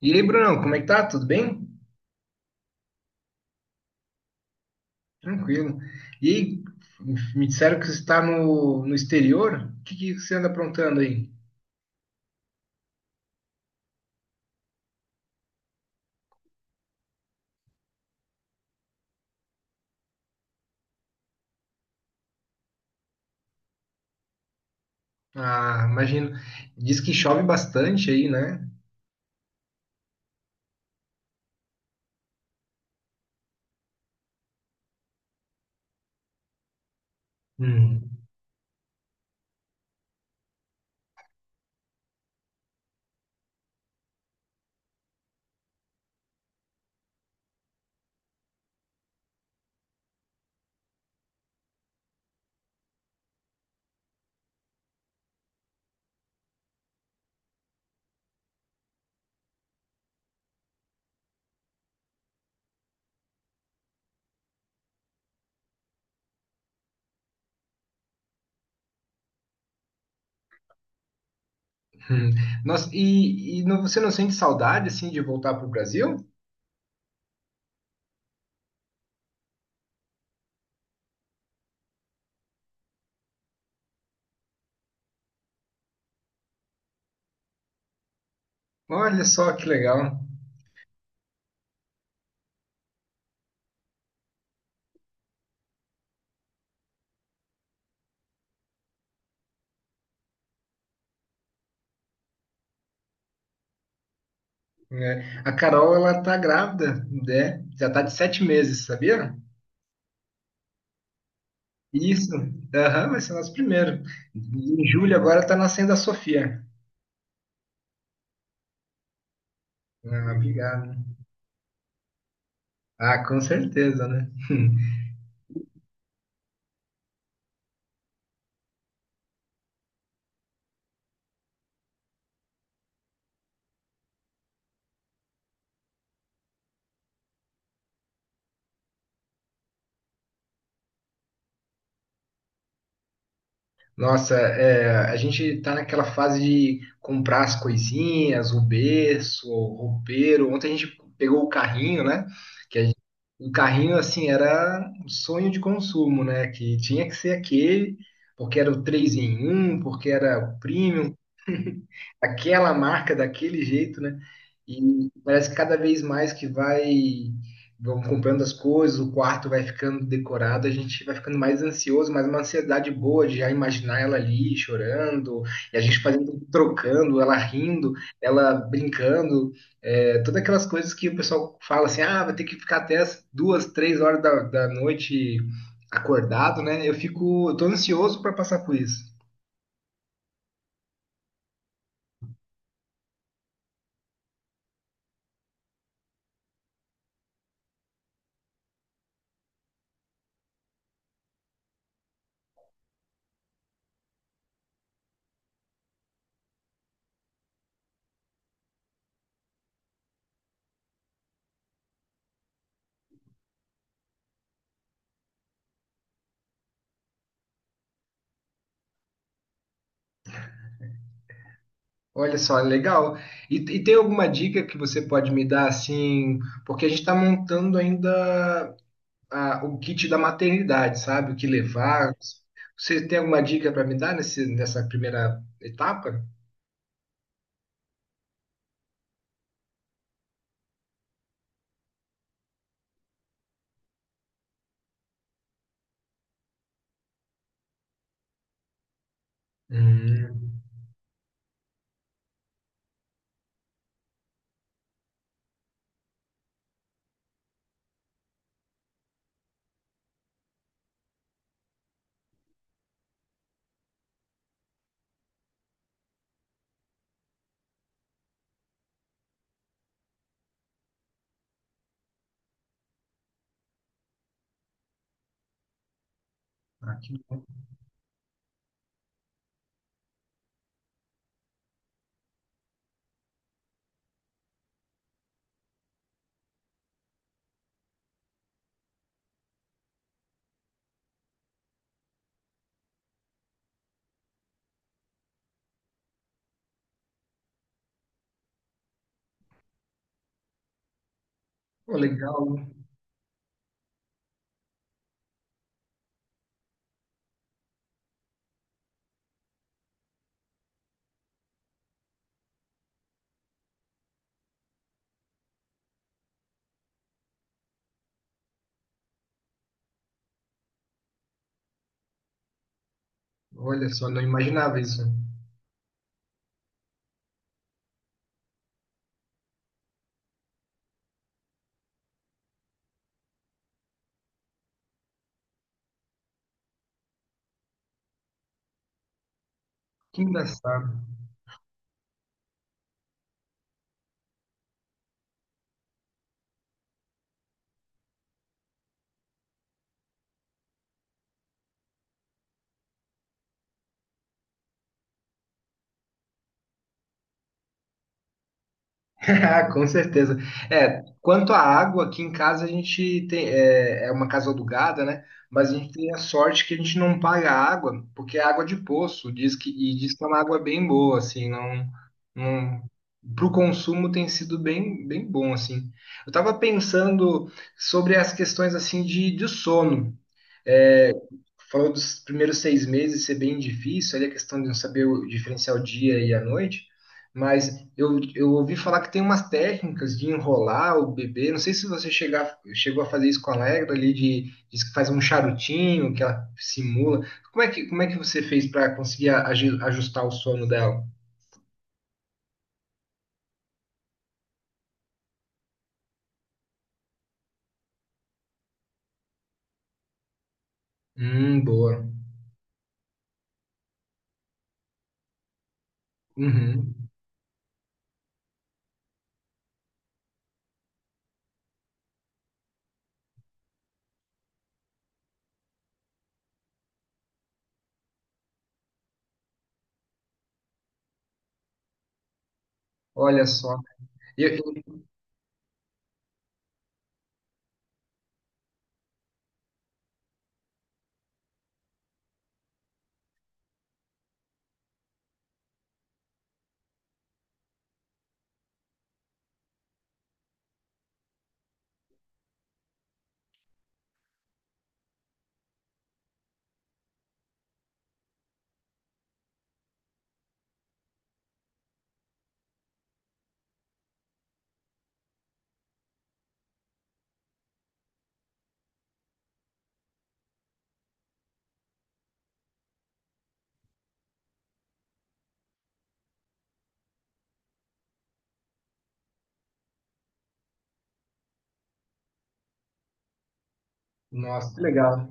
E aí, Brunão, como é que tá? Tudo bem? Tranquilo. E aí, me disseram que você está no exterior. O que, que você anda aprontando aí? Ah, imagino. Diz que chove bastante aí, né? Hum, hum. Nossa, e você não sente saudade, assim, de voltar para o Brasil? Olha só que legal. Né? A Carol, ela tá grávida, né? Já tá de 7 meses, sabia? Isso. Aham, vai ser nosso primeiro. Em julho agora tá nascendo a Sofia. Ah, obrigado. Ah, com certeza, né? Nossa, é, a gente tá naquela fase de comprar as coisinhas, o berço, o roupeiro. Ontem a gente pegou o carrinho, né? Que a gente- o carrinho, assim, era um sonho de consumo, né? Que tinha que ser aquele, porque era o 3 em um, porque era o premium, aquela marca daquele jeito, né? E parece que cada vez mais que vai vão comprando as coisas, o quarto vai ficando decorado, a gente vai ficando mais ansioso, mas uma ansiedade boa de já imaginar ela ali chorando, e a gente fazendo, trocando, ela rindo, ela brincando, é, todas aquelas coisas que o pessoal fala assim, ah, vai ter que ficar até as duas, três horas da noite acordado, né? Eu fico, eu tô ansioso para passar por isso. Olha só, legal. E tem alguma dica que você pode me dar assim? Porque a gente está montando ainda o kit da maternidade, sabe? O que levar. Você tem alguma dica para me dar nessa primeira etapa? Hum, ah, que bom. Pô, legal. Olha só, não imaginava isso. Que engraçado. Com certeza. É, quanto à água, aqui em casa a gente tem, é, é uma casa alugada, né? Mas a gente tem a sorte que a gente não paga água, porque é água de poço, diz que, e diz que é uma água bem boa, assim, não, não, para o consumo tem sido bem, bem bom, assim. Eu estava pensando sobre as questões, assim, de sono. É, falou dos primeiros 6 meses ser bem difícil, ali a questão de não saber diferenciar o dia e a noite, mas eu ouvi falar que tem umas técnicas de enrolar o bebê, não sei se você chegou a fazer isso com a Allegra ali, de, diz que faz um charutinho, que ela simula. Como é que você fez para conseguir ajustar o sono dela? Boa. Uhum. Olha só. Eu- eu- Nossa, que legal.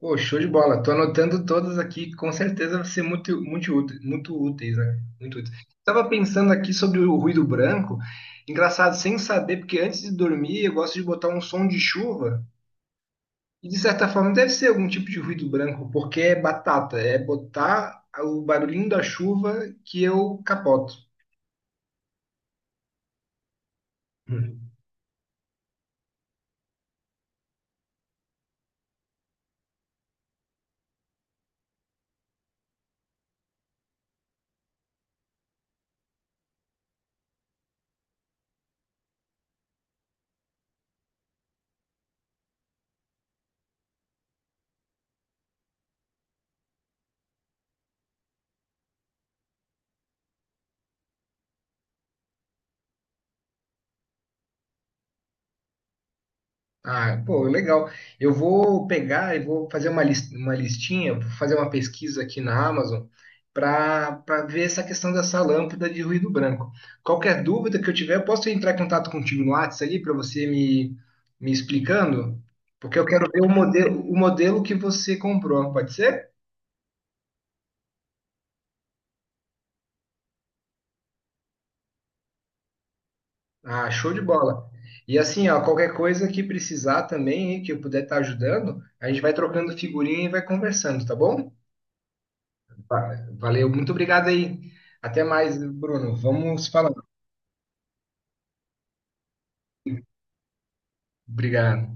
Pô, show de bola. Tô anotando todas aqui, com certeza vai ser muito, muito, muito úteis, né? Muito úteis. Estava pensando aqui sobre o ruído branco. Engraçado, sem saber, porque antes de dormir eu gosto de botar um som de chuva. E de certa forma deve ser algum tipo de ruído branco, porque é batata, é botar o barulhinho da chuva que eu capoto. Ah, pô, legal. Eu vou pegar e vou fazer uma uma listinha, vou fazer uma pesquisa aqui na Amazon para ver essa questão dessa lâmpada de ruído branco. Qualquer dúvida que eu tiver, eu posso entrar em contato contigo no WhatsApp ali para você me explicando? Porque eu quero ver o modelo que você comprou, pode ser? Ah, show de bola. E assim, ó, qualquer coisa que precisar também, hein, que eu puder estar ajudando, a gente vai trocando figurinha e vai conversando, tá bom? Valeu, muito obrigado aí. Até mais, Bruno. Vamos falando. Obrigado.